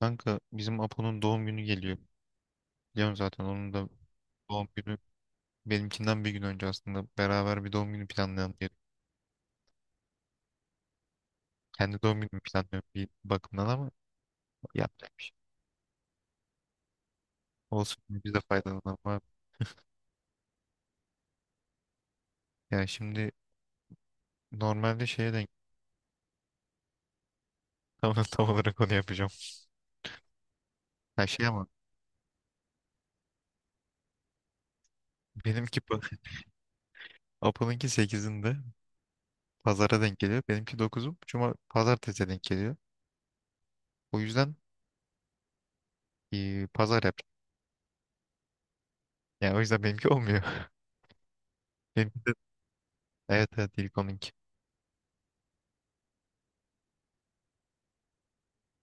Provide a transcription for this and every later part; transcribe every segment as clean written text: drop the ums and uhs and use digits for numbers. Kanka bizim Apo'nun doğum günü geliyor. Biliyorum zaten onun da doğum günü benimkinden bir gün önce aslında beraber bir doğum günü planlayalım diye. Kendi doğum günümü planlıyorum bir bakımdan ama yapacak bir şey. Olsun biz de faydalanalım abi. Yani şimdi normalde şeye denk tam olarak onu yapacağım. Her şey ama benimki pa- Apo'nunki sekizinde pazara denk geliyor. Benimki 9'u cuma pazartesiye denk geliyor. O yüzden pazar yapacağım. Yani o yüzden benimki olmuyor. Benimki de evet evet ilk onunki.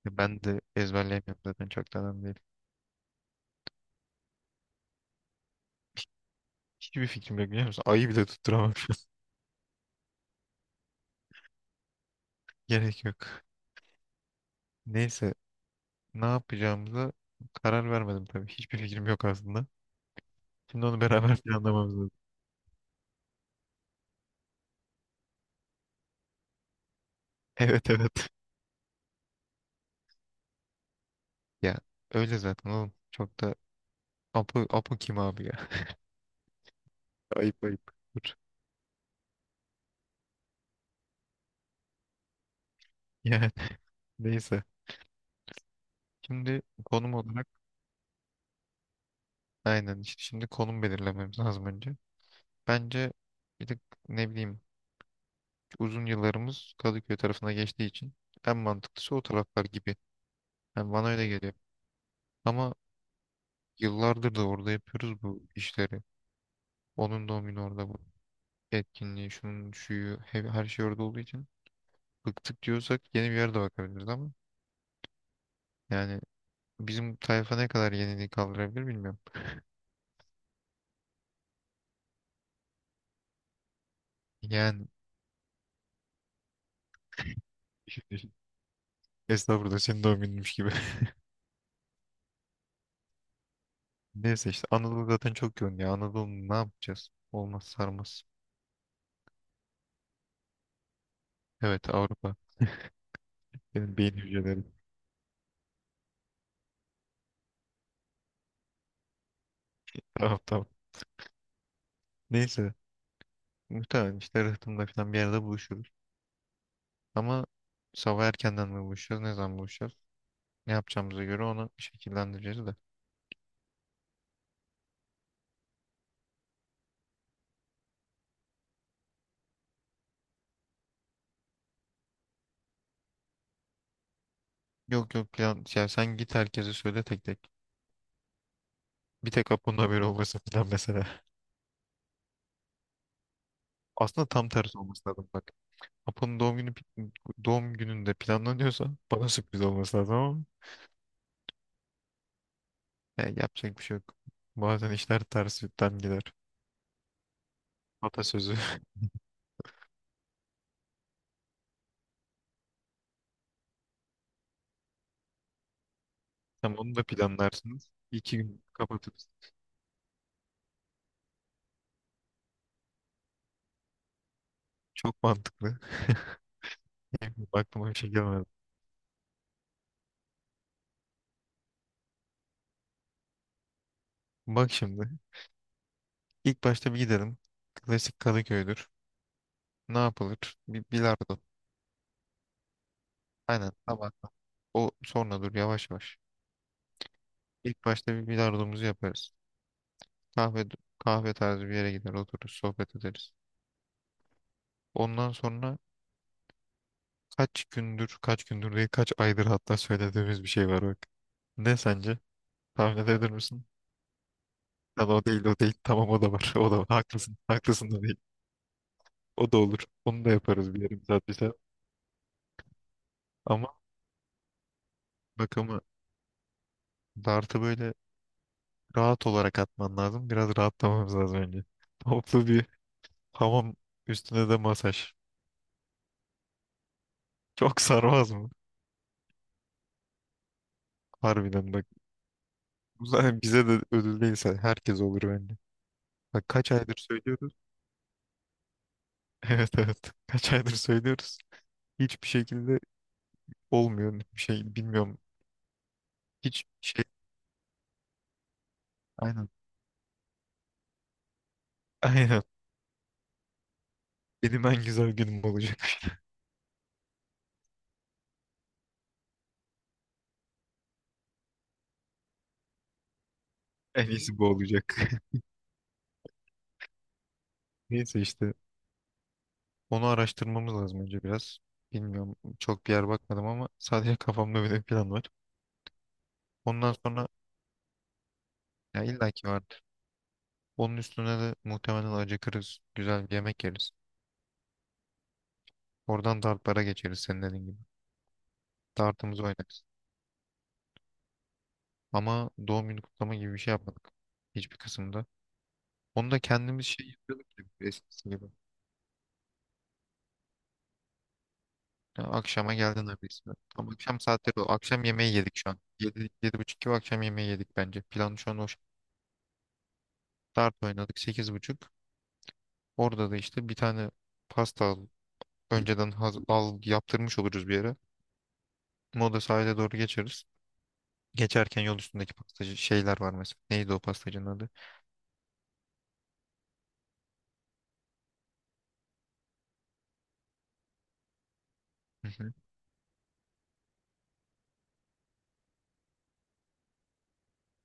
Ya ben de ezberleyemiyorum zaten çok da önemli değil. Hiçbir fikrim yok biliyor musun? Ayı bile tutturamam şu an. Gerek yok. Neyse ne yapacağımıza karar vermedim tabii. Hiçbir fikrim yok aslında. Şimdi onu beraber planlamamız lazım. Evet evet. Ya öyle zaten oğlum. Çok da Apo, Apo kim abi ya? Ayıp ayıp. Dur. Yani neyse. Şimdi konum olarak aynen işte şimdi konum belirlememiz lazım önce. Bence bir de ne bileyim uzun yıllarımız Kadıköy tarafına geçtiği için en mantıklısı o taraflar gibi. Yani bana öyle geliyor. Ama yıllardır da orada yapıyoruz bu işleri. Onun doğum günü orada bu etkinliği, şunun şuyu, her şey orada olduğu için bıktık diyorsak yeni bir yerde bakabiliriz ama yani bizim tayfa ne kadar yeniliği kaldırabilir bilmiyorum. Yani estağfurullah senin doğum gününmüş gibi. Neyse işte Anadolu zaten çok yoğun ya. Anadolu ne yapacağız? Olmaz sarmaz. Evet Avrupa. Benim beyin hücrelerim. Tamam tamam. Neyse. Muhtemelen işte Rıhtım'da falan bir yerde buluşuruz. Ama sabah erkenden mi buluşacağız? Ne zaman buluşacağız? Ne yapacağımıza göre onu şekillendireceğiz de. Yok yok plan, ya sen git herkese söyle tek tek. Bir tek Apo'nun haberi olmasın falan mesela. Aslında tam tersi olması lazım bak. Apo'nun doğum gününde planlanıyorsa bana sürpriz olması lazım ama ya yapacak bir şey yok. Bazen işler tersinden gider. Atasözü. Tam onu da planlarsınız. İki gün kapatırız. Çok mantıklı. Aklıma bir şey gelmedi. Bak şimdi. İlk başta bir gidelim. Klasik Kadıköy'dür. Ne yapılır? Bir bilardo. Aynen tabak. O sonra dur yavaş yavaş. İlk başta bir bilardomuzu yaparız. Kahve kahve tarzı bir yere gider otururuz sohbet ederiz. Ondan sonra kaç gündür değil kaç aydır hatta söylediğimiz bir şey var bak. Ne sence? Tahmin edebilir misin? Lan o değil o değil. Tamam o da var. O da var. Haklısın. Haklısın da değil. O da olur. Onu da yaparız bir yarım saat bir saat. Ama bak ama dartı böyle rahat olarak atman lazım. Biraz rahatlamamız lazım önce. Toplu bir hamam üstüne de masaj. Çok sarmaz mı? Harbiden bak. Bu zaten bize de ödül değilse herkes olur bence. Bak kaç aydır söylüyoruz. Evet evet. Kaç aydır söylüyoruz. Hiçbir şekilde olmuyor. Bir şey bilmiyorum. Hiç şey. Aynen. Aynen. Benim en güzel günüm olacak. En iyisi bu olacak. Neyse işte. Onu araştırmamız lazım önce biraz. Bilmiyorum. Çok bir yer bakmadım ama sadece kafamda böyle bir plan var. Ondan sonra ya illaki var. Onun üstüne de muhtemelen acıkırız. Güzel bir yemek yeriz. Oradan dartlara geçeriz senin dediğin gibi. Dartımızı oynarız. Ama doğum günü kutlama gibi bir şey yapmadık. Hiçbir kısımda. Onu da kendimiz şey yapıyorduk gibi eskisi gibi. Ya akşama geldin abi ismi. Tam akşam saatleri o. Akşam yemeği yedik şu an. Yedi yedi buçuk gibi akşam yemeği yedik bence. Plan şu an o. Dart oynadık sekiz buçuk. Orada da işte bir tane pasta al. Önceden al yaptırmış oluruz bir yere. Moda sahile doğru geçeriz. Geçerken yol üstündeki pastacı şeyler var mesela. Neydi o pastacının adı? Hı hı.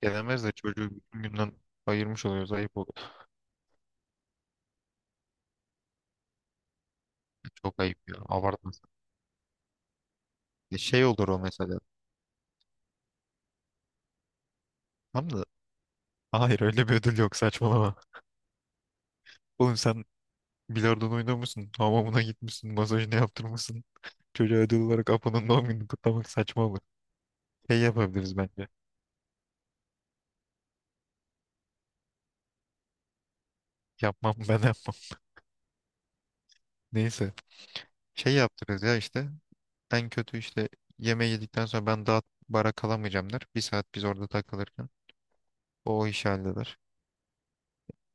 Gelemez de çocuğu bütün günden ayırmış oluyoruz. Ayıp oldu. Çok ayıp ya. Abartmasın. E şey olur o mesela. Tam da hayır öyle bir ödül yok saçmalama. Oğlum sen bilardon oynamışsın. Hamamına gitmişsin. Masajını yaptırmışsın. Çocuğa ödül olarak Apo'nun doğum gününü kutlamak saçma olur. Şey yapabiliriz bence. Yapmam ben yapmam. Neyse. Şey yaptırırız ya işte. En kötü işte yemeği yedikten sonra ben daha bara kalamayacağım der bir saat biz orada takılırken. O iş halleder.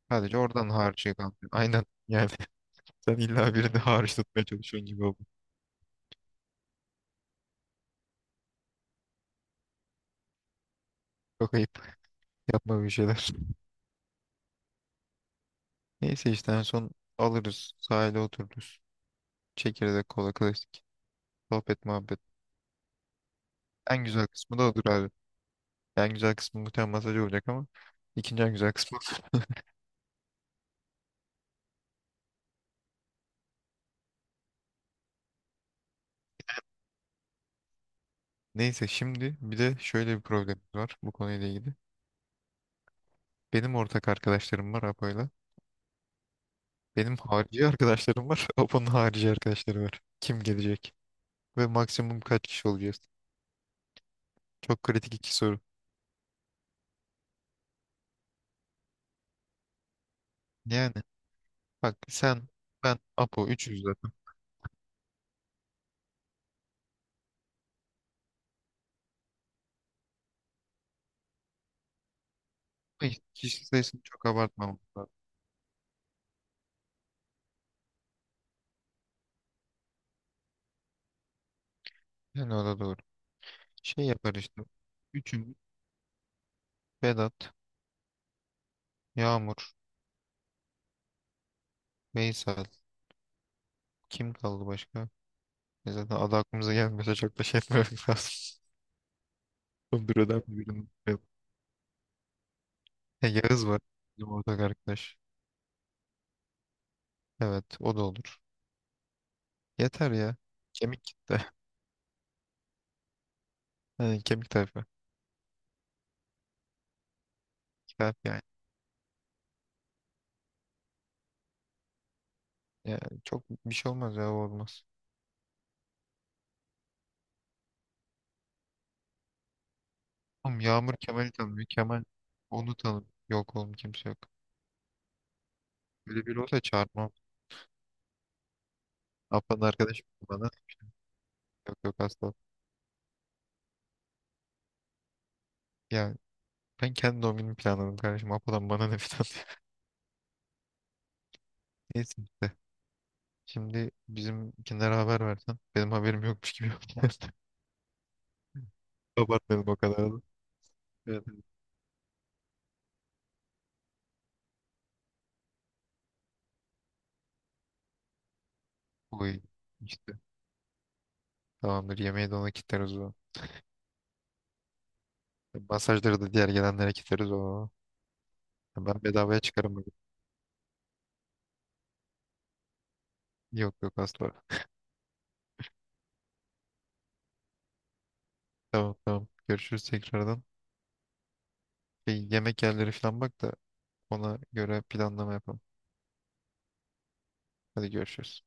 Sadece oradan harcı kaldı. Aynen. Yani sen illa birini hariç tutmaya çalışıyorsun gibi oldu. Çok ayıp. Yapma bir şeyler. Neyse işte en son alırız. Sahile otururuz. Çekirdek kola klasik. Sohbet muhabbet. En güzel kısmı da odur abi. En güzel kısmı muhtemelen masaj olacak ama ikinci en güzel kısmı odur. Neyse şimdi bir de şöyle bir problemimiz var bu konuyla ilgili. Benim ortak arkadaşlarım var Apo'yla. Benim harici arkadaşlarım var. Apo'nun harici arkadaşları var. Kim gelecek? Ve maksimum kaç kişi olacağız? Çok kritik iki soru. Yani bak sen ben Apo 300 zaten. Ama işte kişi sayısını çok abartmamız lazım. Yani o da doğru. Şey yapar işte. Üçümüz, Vedat, Yağmur, Veysel. Kim kaldı başka? E zaten adı aklımıza gelmiyorsa çok da şey yapmamak lazım. Öbürüden birinin. Yağız var. Bizim ortak arkadaş. Evet o da olur. Yeter ya. Kemik kitle. Yani kemik tayfa. Kitap yani. Yani çok bir şey olmaz ya o olmaz. Oğlum Yağmur Kemal'i tanımıyor. Kemal onu tanım. Yok oğlum kimse yok. Böyle biri olsa çağırmam. Apo'nun arkadaşı bana. Yok yok asla. Ya ben kendi doğum günümü planladım kardeşim. Apo'dan bana ne falan. Neyse işte. Şimdi bizimkinlere haber versen. Benim haberim yokmuş gibi yaptın. Abartmayalım o kadar da. Evet. Oy işte. Tamamdır yemeği de ona kitleriz o. Masajları da diğer gelenlere kitleriz o. Ben bedavaya çıkarım bugün. Yok yok asla. Tamam tamam. Görüşürüz tekrardan. Bir yemek yerleri falan bak da ona göre planlama yapalım. Hadi görüşürüz.